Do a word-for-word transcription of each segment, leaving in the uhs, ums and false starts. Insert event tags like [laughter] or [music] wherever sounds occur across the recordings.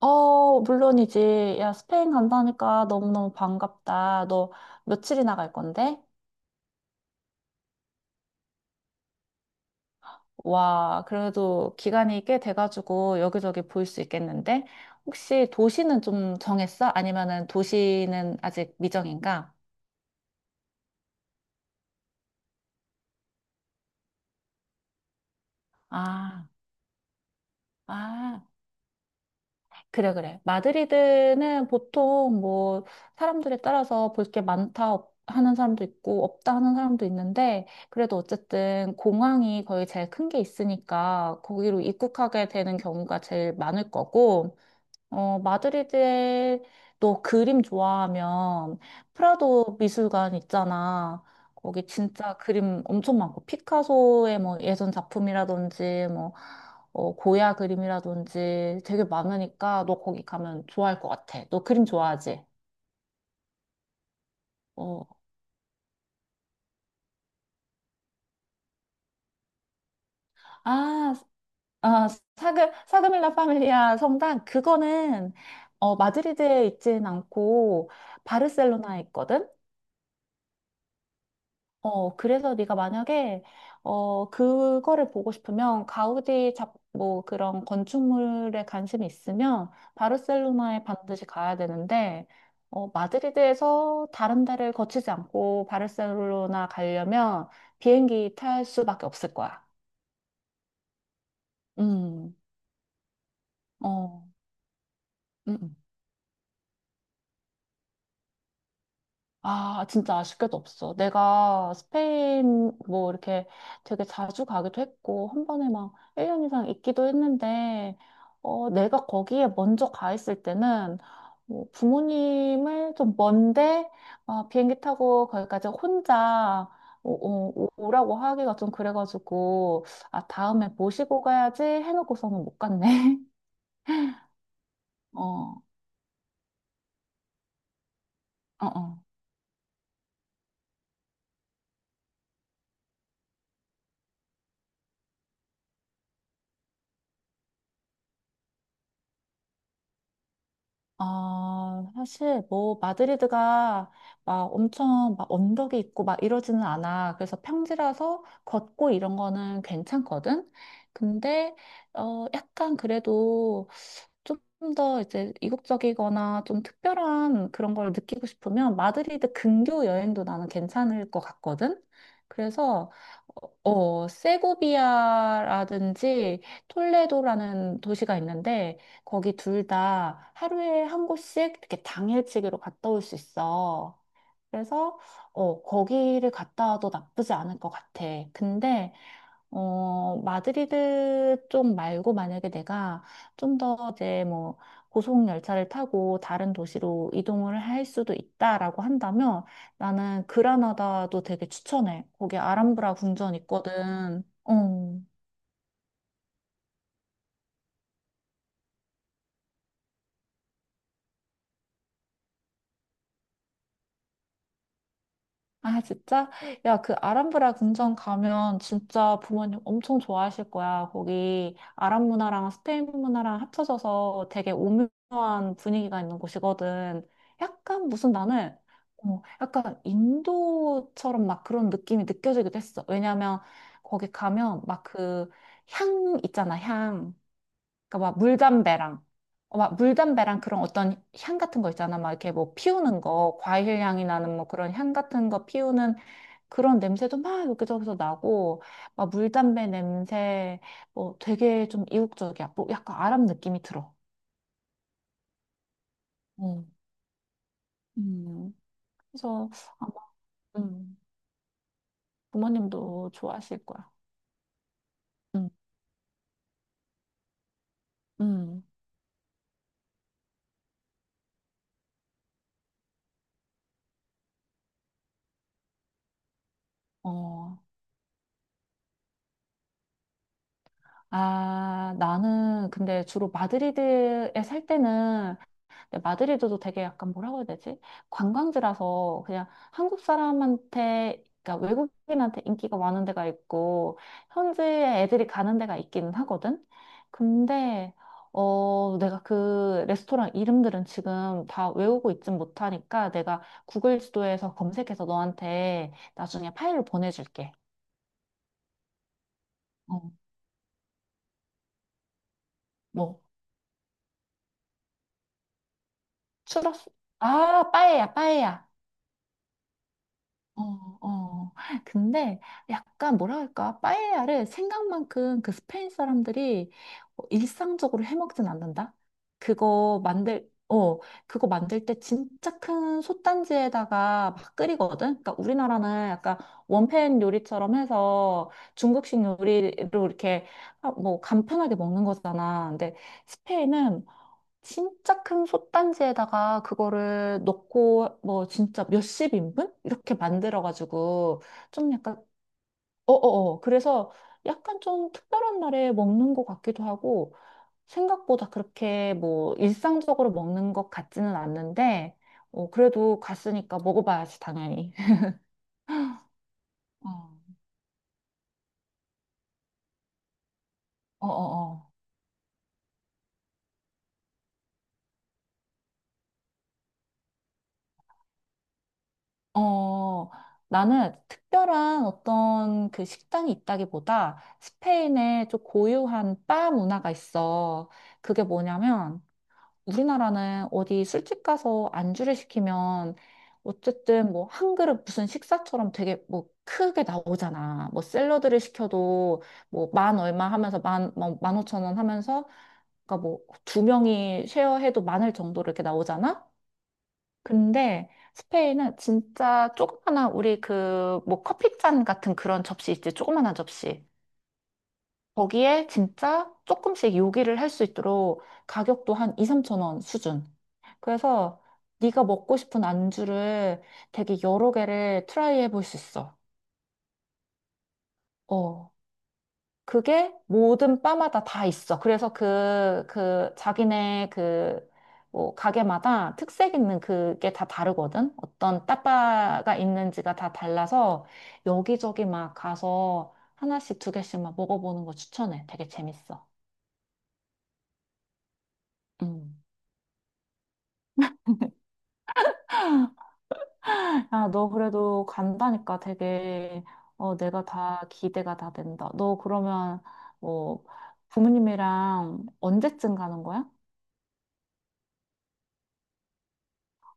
어, 물론이지. 야, 스페인 간다니까 너무너무 반갑다. 너 며칠이나 갈 건데? 와, 그래도 기간이 꽤 돼가지고 여기저기 볼 수 있겠는데? 혹시 도시는 좀 정했어? 아니면은 도시는 아직 미정인가? 아, 아. 그래, 그래. 마드리드는 보통 뭐 사람들에 따라서 볼 게 많다 없- 하는 사람도 있고 없다 하는 사람도 있는데 그래도 어쨌든 공항이 거의 제일 큰 게 있으니까 거기로 입국하게 되는 경우가 제일 많을 거고 어, 마드리드에 너 그림 좋아하면 프라도 미술관 있잖아. 거기 진짜 그림 엄청 많고 피카소의 뭐 예전 작품이라든지 뭐 어, 고야 그림이라든지 되게 많으니까 너 거기 가면 좋아할 것 같아. 너 그림 좋아하지? 어, 아, 아, 사그, 사그밀라 파밀리아 성당 그거는 어, 마드리드에 있진 않고 바르셀로나에 있거든. 어, 그래서 네가 만약에 어, 그거를 보고 싶으면 가우디 작, 뭐 그런 건축물에 관심이 있으면 바르셀로나에 반드시 가야 되는데 어, 마드리드에서 다른 데를 거치지 않고 바르셀로나 가려면 비행기 탈 수밖에 없을 거야. 음. 어. 음. 음. 아, 진짜 아쉽게도 없어. 내가 스페인 뭐 이렇게 되게 자주 가기도 했고, 한 번에 막 일 년 이상 있기도 했는데, 어, 내가 거기에 먼저 가 있을 때는 뭐 부모님을 좀 먼데, 아, 비행기 타고 거기까지 혼자 오, 라고 하기가 좀 그래가지고, 아, 다음에 모시고 가야지 해놓고서는 못 갔네. [laughs] 어, 어, 어. 아, 사실 뭐 마드리드가 막 엄청 막 언덕이 있고 막 이러지는 않아. 그래서 평지라서 걷고 이런 거는 괜찮거든. 근데 어 약간 그래도 좀 더 이제 이국적이거나 좀 특별한 그런 걸 느끼고 싶으면 마드리드 근교 여행도 나는 괜찮을 것 같거든. 그래서 어, 어, 세고비아라든지 톨레도라는 도시가 있는데 거기 둘 다 하루에 한 곳씩 이렇게 당일치기로 갔다 올 수 있어. 그래서 어, 거기를 갔다 와도 나쁘지 않을 것 같아. 근데 어, 마드리드 좀 말고 만약에 내가 좀 더 이제 뭐 고속 열차를 타고 다른 도시로 이동을 할 수도 있다라고 한다면 나는 그라나다도 되게 추천해. 거기 아람브라 궁전 있거든. 어. 아, 진짜? 야, 그 아람브라 궁전 가면 진짜 부모님 엄청 좋아하실 거야. 거기 아랍 문화랑 스페인 문화랑 합쳐져서 되게 오묘한 분위기가 있는 곳이거든. 약간 무슨 나는 어, 약간 인도처럼 막 그런 느낌이 느껴지기도 했어. 왜냐면 거기 가면 막 그 향 있잖아, 향. 그러니까 막 물담배랑 어, 막 물담배랑 그런 어떤 향 같은 거 있잖아. 막 이렇게 뭐 피우는 거, 과일 향이 나는 뭐 그런 향 같은 거 피우는 그런 냄새도 막 여기저기서 나고, 막 물담배 냄새, 뭐 되게 좀 이국적이야. 뭐 약간 아랍 느낌이 들어. 어. 음, 그래서 아마 음, 부모님도 좋아하실 거야. 음, 음, 어, 아, 나는 근데 주로 마드리드에 살 때는 근데 마드리드도 되게 약간 뭐라고 해야 되지? 관광지라서 그냥 한국 사람한테, 그러니까 외국인한테 인기가 많은 데가 있고, 현지에 애들이 가는 데가 있기는 하거든? 근데, 어, 내가 그 레스토랑 이름들은 지금 다 외우고 있진 못하니까 내가 구글 지도에서 검색해서 너한테 나중에 파일을 보내줄게. 어, 뭐, 추러스, 아, 빠에야, 빠에야. 어, 어. 근데 약간 뭐라 할까? 빠에야를 생각만큼 그 스페인 사람들이 어, 일상적으로 해먹진 않는다? 그거 만들, 어, 그거 만들 때 진짜 큰 솥단지에다가 막 끓이거든? 그러니까 우리나라는 약간 원팬 요리처럼 해서 중국식 요리로 이렇게 아, 뭐 간편하게 먹는 거잖아. 근데 스페인은 진짜 큰 솥단지에다가 그거를 넣고 뭐 진짜 몇십 인분? 이렇게 만들어가지고 좀 약간 어어어 그래서 약간 좀 특별한 날에 먹는 것 같기도 하고 생각보다 그렇게 뭐 일상적으로 먹는 것 같지는 않는데 어, 그래도 갔으니까 먹어봐야지 당연히. [laughs] 어 어어어. 어, 나는 특별한 어떤 그 식당이 있다기보다 스페인의 좀 고유한 바 문화가 있어. 그게 뭐냐면 우리나라는 어디 술집 가서 안주를 시키면 어쨌든 뭐 한 그릇 무슨 식사처럼 되게 뭐 크게 나오잖아. 뭐 샐러드를 시켜도 뭐 만 얼마 하면서 만, 뭐, 만 오천 원 하면서 그러니까 뭐 두 명이 쉐어해도 많을 정도로 이렇게 나오잖아. 근데 스페인은 진짜 조그마한 우리 그 뭐 커피잔 같은 그런 접시 있지 조그마한 접시 거기에 진짜 조금씩 요리를 할 수 있도록 가격도 한 이, 삼천 원 수준 그래서 네가 먹고 싶은 안주를 되게 여러 개를 트라이 해볼 수 있어 어 그게 모든 바마다 다 있어. 그래서 그, 그, 자기네 그, 뭐, 가게마다 특색 있는 그게 다 다르거든? 어떤 따빠가 있는지가 다 달라서 여기저기 막 가서 하나씩 두 개씩 막 먹어보는 거 추천해. 되게 재밌어. 음. [laughs] 아, 너 그래도 간다니까 되게, 어, 내가 다 기대가 다 된다. 너 그러면, 뭐, 부모님이랑 언제쯤 가는 거야?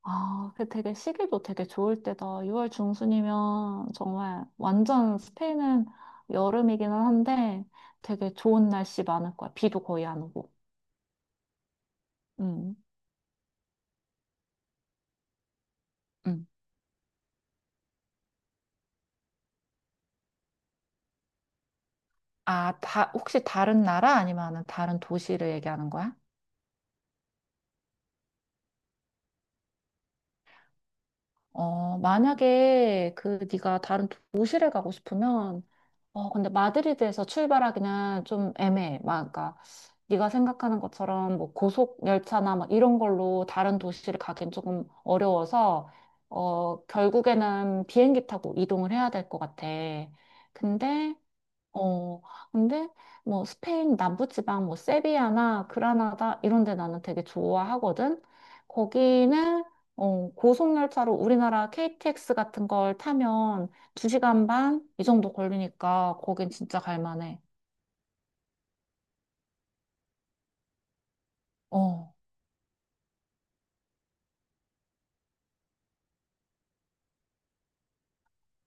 아, 그 되게 시기도 되게 좋을 때다. 유월 중순이면 정말 완전 스페인은 여름이기는 한데 되게 좋은 날씨 많을 거야. 비도 거의 안 오고. 음, 음. 아, 다, 혹시 다른 나라 아니면은 다른 도시를 얘기하는 거야? 어, 만약에 그 네가 다른 도시를 가고 싶으면 어, 근데 마드리드에서 출발하기는 좀 애매해. 막, 그러니까 네가 생각하는 것처럼 뭐 고속 열차나 막 이런 걸로 다른 도시를 가긴 조금 어려워서 어, 결국에는 비행기 타고 이동을 해야 될 것 같아. 근데 어, 근데 뭐 스페인 남부지방 뭐 세비야나 그라나다 이런 데 나는 되게 좋아하거든. 거기는 어, 고속열차로 우리나라 케이티엑스 같은 걸 타면 두 시간 반 이 정도 걸리니까 거긴 진짜 갈 만해. 어,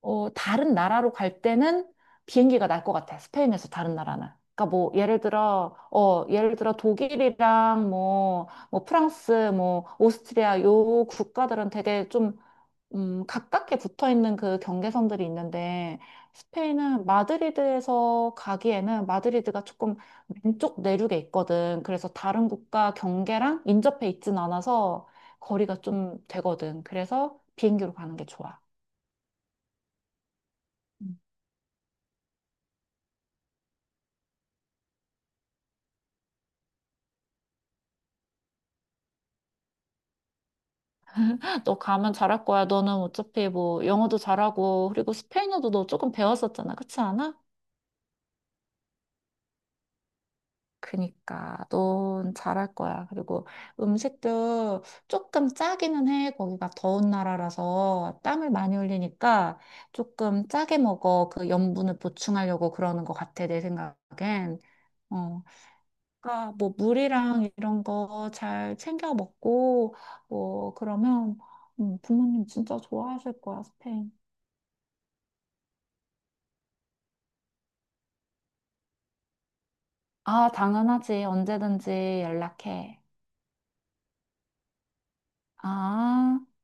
어, 다른 나라로 갈 때는 비행기가 날 것 같아. 스페인에서 다른 나라는. 그러니까 뭐 예를 들어 어 예를 들어 독일이랑 뭐 뭐 프랑스 뭐 오스트리아 요 국가들은 되게 좀 음, 가깝게 붙어 있는 그 경계선들이 있는데 스페인은 마드리드에서 가기에는 마드리드가 조금 왼쪽 내륙에 있거든. 그래서 다른 국가 경계랑 인접해 있진 않아서 거리가 좀 되거든. 그래서 비행기로 가는 게 좋아. 음. 너 가면 잘할 거야. 너는 어차피 뭐 영어도 잘하고 그리고 스페인어도 너 조금 배웠었잖아. 그렇지 않아? 그니까 넌 잘할 거야. 그리고 음식도 조금 짜기는 해. 거기가 더운 나라라서 땀을 많이 흘리니까 조금 짜게 먹어. 그 염분을 보충하려고 그러는 것 같아. 내 생각엔. 어, 그러니까 뭐 물이랑 이런 거 잘 챙겨 먹고 뭐 그러면 음, 부모님 진짜 좋아하실 거야, 스페인. 아, 당연하지. 언제든지 연락해. 아.